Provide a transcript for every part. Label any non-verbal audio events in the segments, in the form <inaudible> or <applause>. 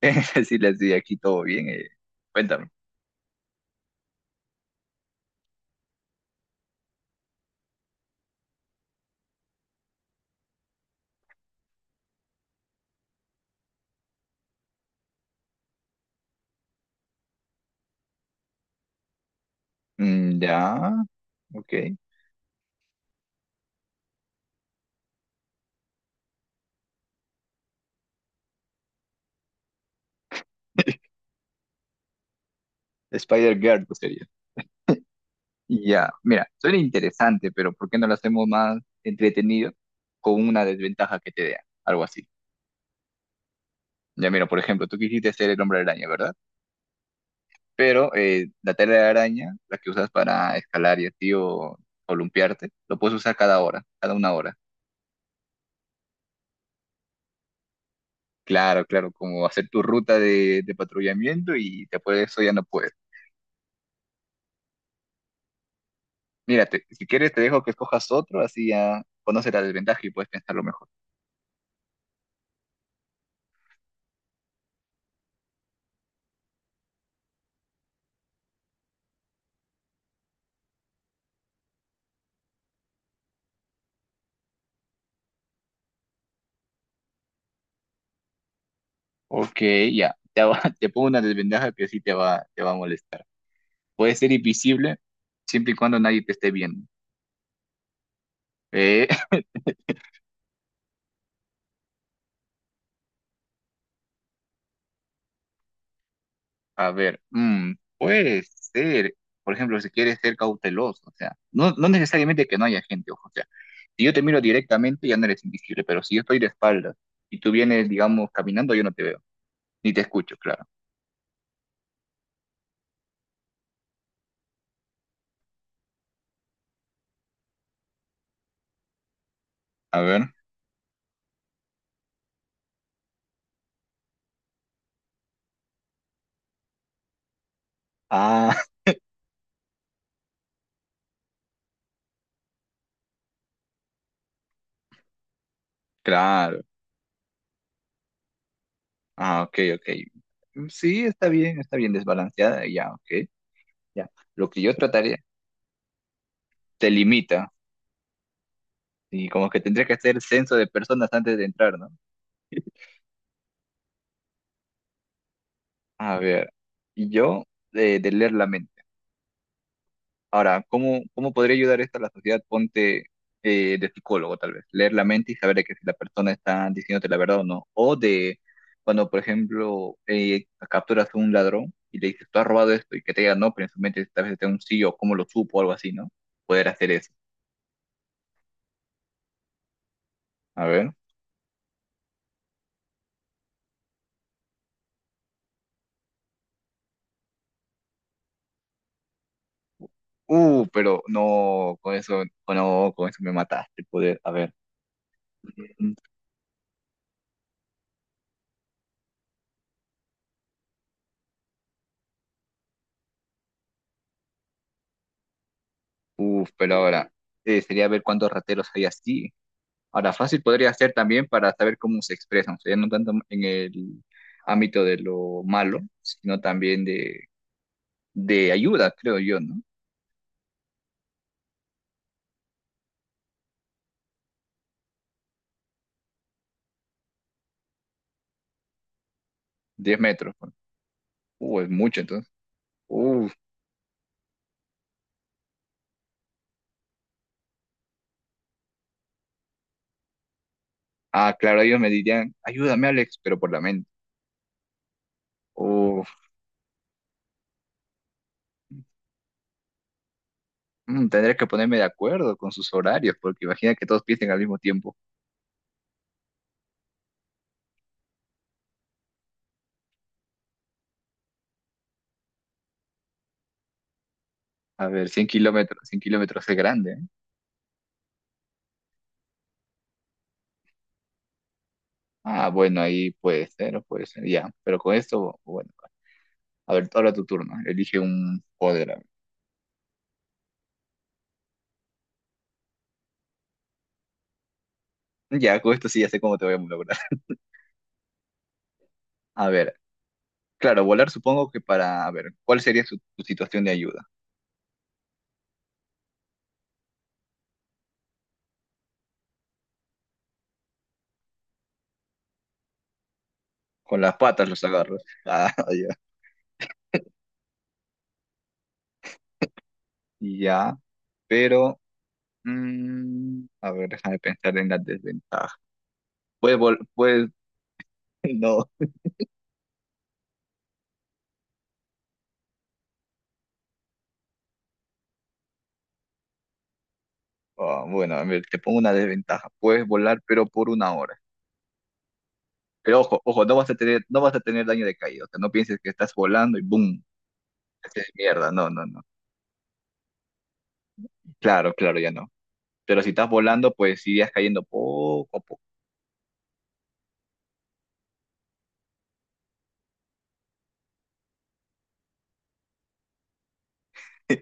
<laughs> Sí, les di aquí todo bien. Cuéntame. Mm, ya, ok. Spider-Girl, pues sería. Y ya, mira, suena interesante, pero ¿por qué no lo hacemos más entretenido con una desventaja que te dé? Algo así. Ya, mira, por ejemplo, tú quisiste ser el hombre araña, ¿verdad? Pero la tela de araña, la que usas para escalar y así o columpiarte, lo puedes usar cada hora, cada 1 hora. Claro, claro, como hacer tu ruta de patrullamiento y después de eso ya no puedes. Mira, si quieres te dejo que escojas otro, así ya conoces la desventaja y puedes pensarlo mejor. Ok, ya. <laughs> Te pongo una desventaja que sí te va a molestar. Puede ser invisible siempre y cuando nadie te esté viendo. Eh, <laughs> a ver, puede ser, por ejemplo, si quieres ser cauteloso, o sea, no, no necesariamente que no haya gente, ojo, o sea, si yo te miro directamente ya no eres invisible, pero si yo estoy de espaldas y tú vienes, digamos, caminando, yo no te veo, ni te escucho, claro. A ver. Ah, <laughs> claro. Ah, ok, ok. Mm, sí, está bien desbalanceada, ya, ok, ya. Lo que yo trataría te limita y como que tendría que hacer censo de personas antes de entrar, ¿no? A ver, y yo de leer la mente. Ahora, ¿cómo podría ayudar esto a la sociedad? Ponte de psicólogo, tal vez. Leer la mente y saber de que si la persona está diciéndote la verdad o no. O de cuando, por ejemplo, capturas a un ladrón y le dices, tú has robado esto y que te diga no, pero en su mente tal vez está un sí o cómo lo supo o algo así, ¿no? Poder hacer eso. A ver. Pero no, con eso, no, con eso me mataste, poder. A ver. Uf, pero ahora, sería ver cuántos rateros hay así. Ahora, fácil podría ser también para saber cómo se expresan, o sea, ya no tanto en el ámbito de lo malo, sino también de ayuda, creo yo, ¿no? 10 metros. Bueno. Es mucho, entonces. Uf, ah, claro, ellos me dirían, ayúdame, Alex, pero por la mente. Uf, tendré que ponerme de acuerdo con sus horarios, porque imagina que todos piensen al mismo tiempo. A ver, 100 kilómetros, 100 kilómetros es grande. ¿Eh? Ah, bueno, ahí puede ser, ya. Pero con esto, bueno, a ver, ahora tu turno. Elige un poder. A ver. Ya, con esto sí ya sé cómo te voy a lograr. <laughs> A ver, claro, volar supongo que para, a ver, ¿cuál sería su situación de ayuda? Con las patas los agarros. <laughs> Ah, ya. Ya, pero, a ver, déjame pensar en la desventaja. Puedes volar, puedes, <laughs> no. Ah, bueno, a ver, te pongo una desventaja. Puedes volar, pero por 1 hora. Pero ojo, ojo, no vas a tener, no vas a tener daño de caída. O sea, no pienses que estás volando y ¡boom! Haces mierda. No, no, no. Claro, claro, ya no. Pero si estás volando, pues sí irías cayendo poco a poco. <laughs>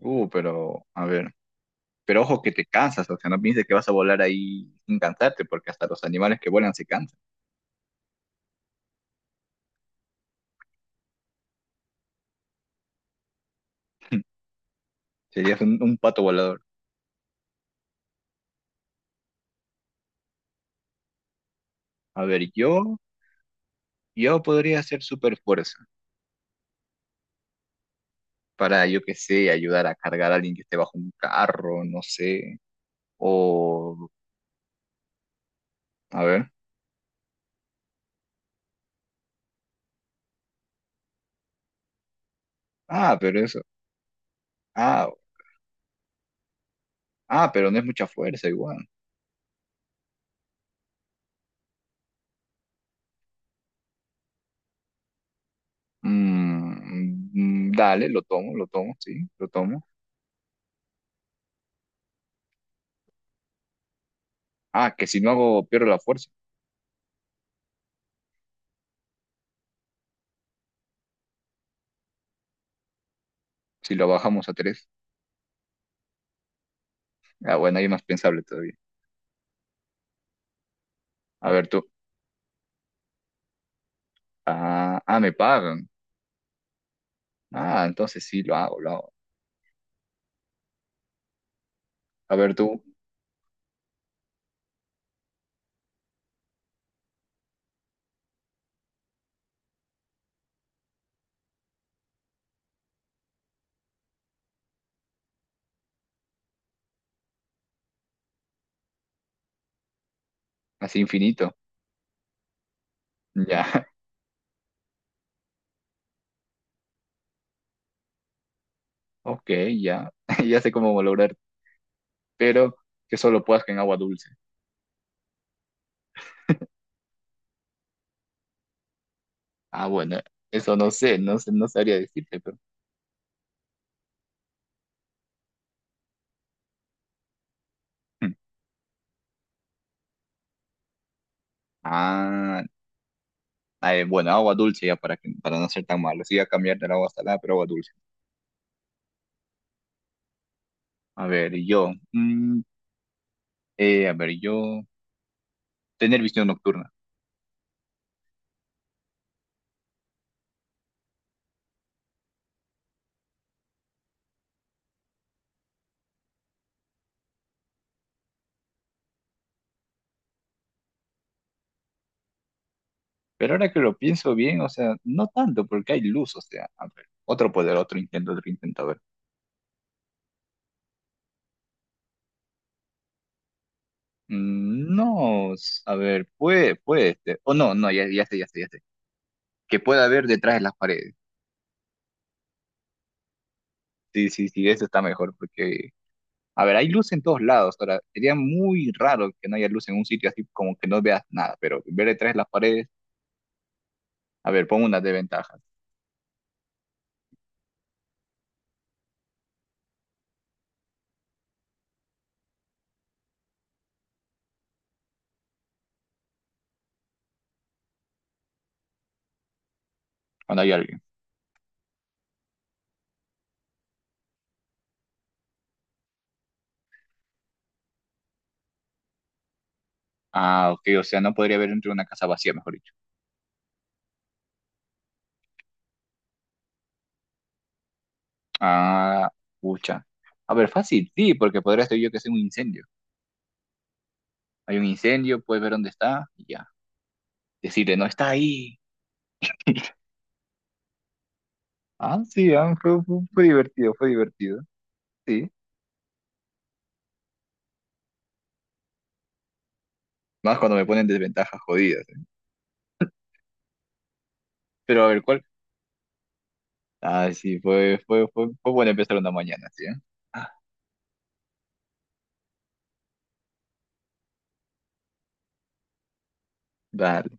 Pero, a ver. Pero ojo que te cansas, o sea, no pienses que vas a volar ahí sin cansarte, porque hasta los animales que vuelan se cansan. Serías un pato volador. A ver, yo podría hacer super fuerza para, yo qué sé, ayudar a cargar a alguien que esté bajo un carro, no sé. O, a ver. Ah, pero eso. Ah, ah, pero no es mucha fuerza igual. Mm, mm, dale, lo tomo, sí, lo tomo. Ah, que si no hago, pierdo la fuerza. Si lo bajamos a tres. Ah, bueno, ahí es más pensable todavía. A ver tú. Ah, ah, me pagan. Ah, entonces sí, lo hago, lo hago. A ver tú, así infinito. Ya, <laughs> ok, ya. <laughs> Ya sé cómo lograr, pero que solo puedas que en agua dulce. Ah, bueno, eso no sé, no sé, no sabría decirte, pero... <laughs> Ah, ah, bueno, agua dulce ya para, para no ser tan malo. Sí, a cambiar del agua salada, pero agua dulce. A ver, yo, a ver, yo, tener visión nocturna. Pero ahora que lo pienso bien, o sea, no tanto, porque hay luz, o sea, a ver, otro poder, otro intento, a ver. Mm, no, a ver, puede, este, o no, no, ya, ya sé, ya sé, ya sé. Que pueda ver detrás de las paredes. Sí, sí, sí, eso está mejor, porque, a ver, hay luz en todos lados. Ahora, sería muy raro que no haya luz en un sitio así como que no veas nada, pero ver detrás de las paredes. A ver, pongo unas desventajas. Cuando hay alguien. Ah, ok, o sea, no podría haber entre una casa vacía, mejor dicho. Ah, pucha. A ver, fácil, sí, porque podría ser yo que sea un incendio. Hay un incendio, puedes ver dónde está y ya. Decirle, no está ahí. <laughs> Ah, sí, ah, fue divertido, fue divertido. Sí. Más cuando me ponen desventajas jodidas. ¿Eh? Pero a ver, ¿cuál? Ah, sí, fue bueno empezar una mañana, sí, ¿eh? Ah, dale,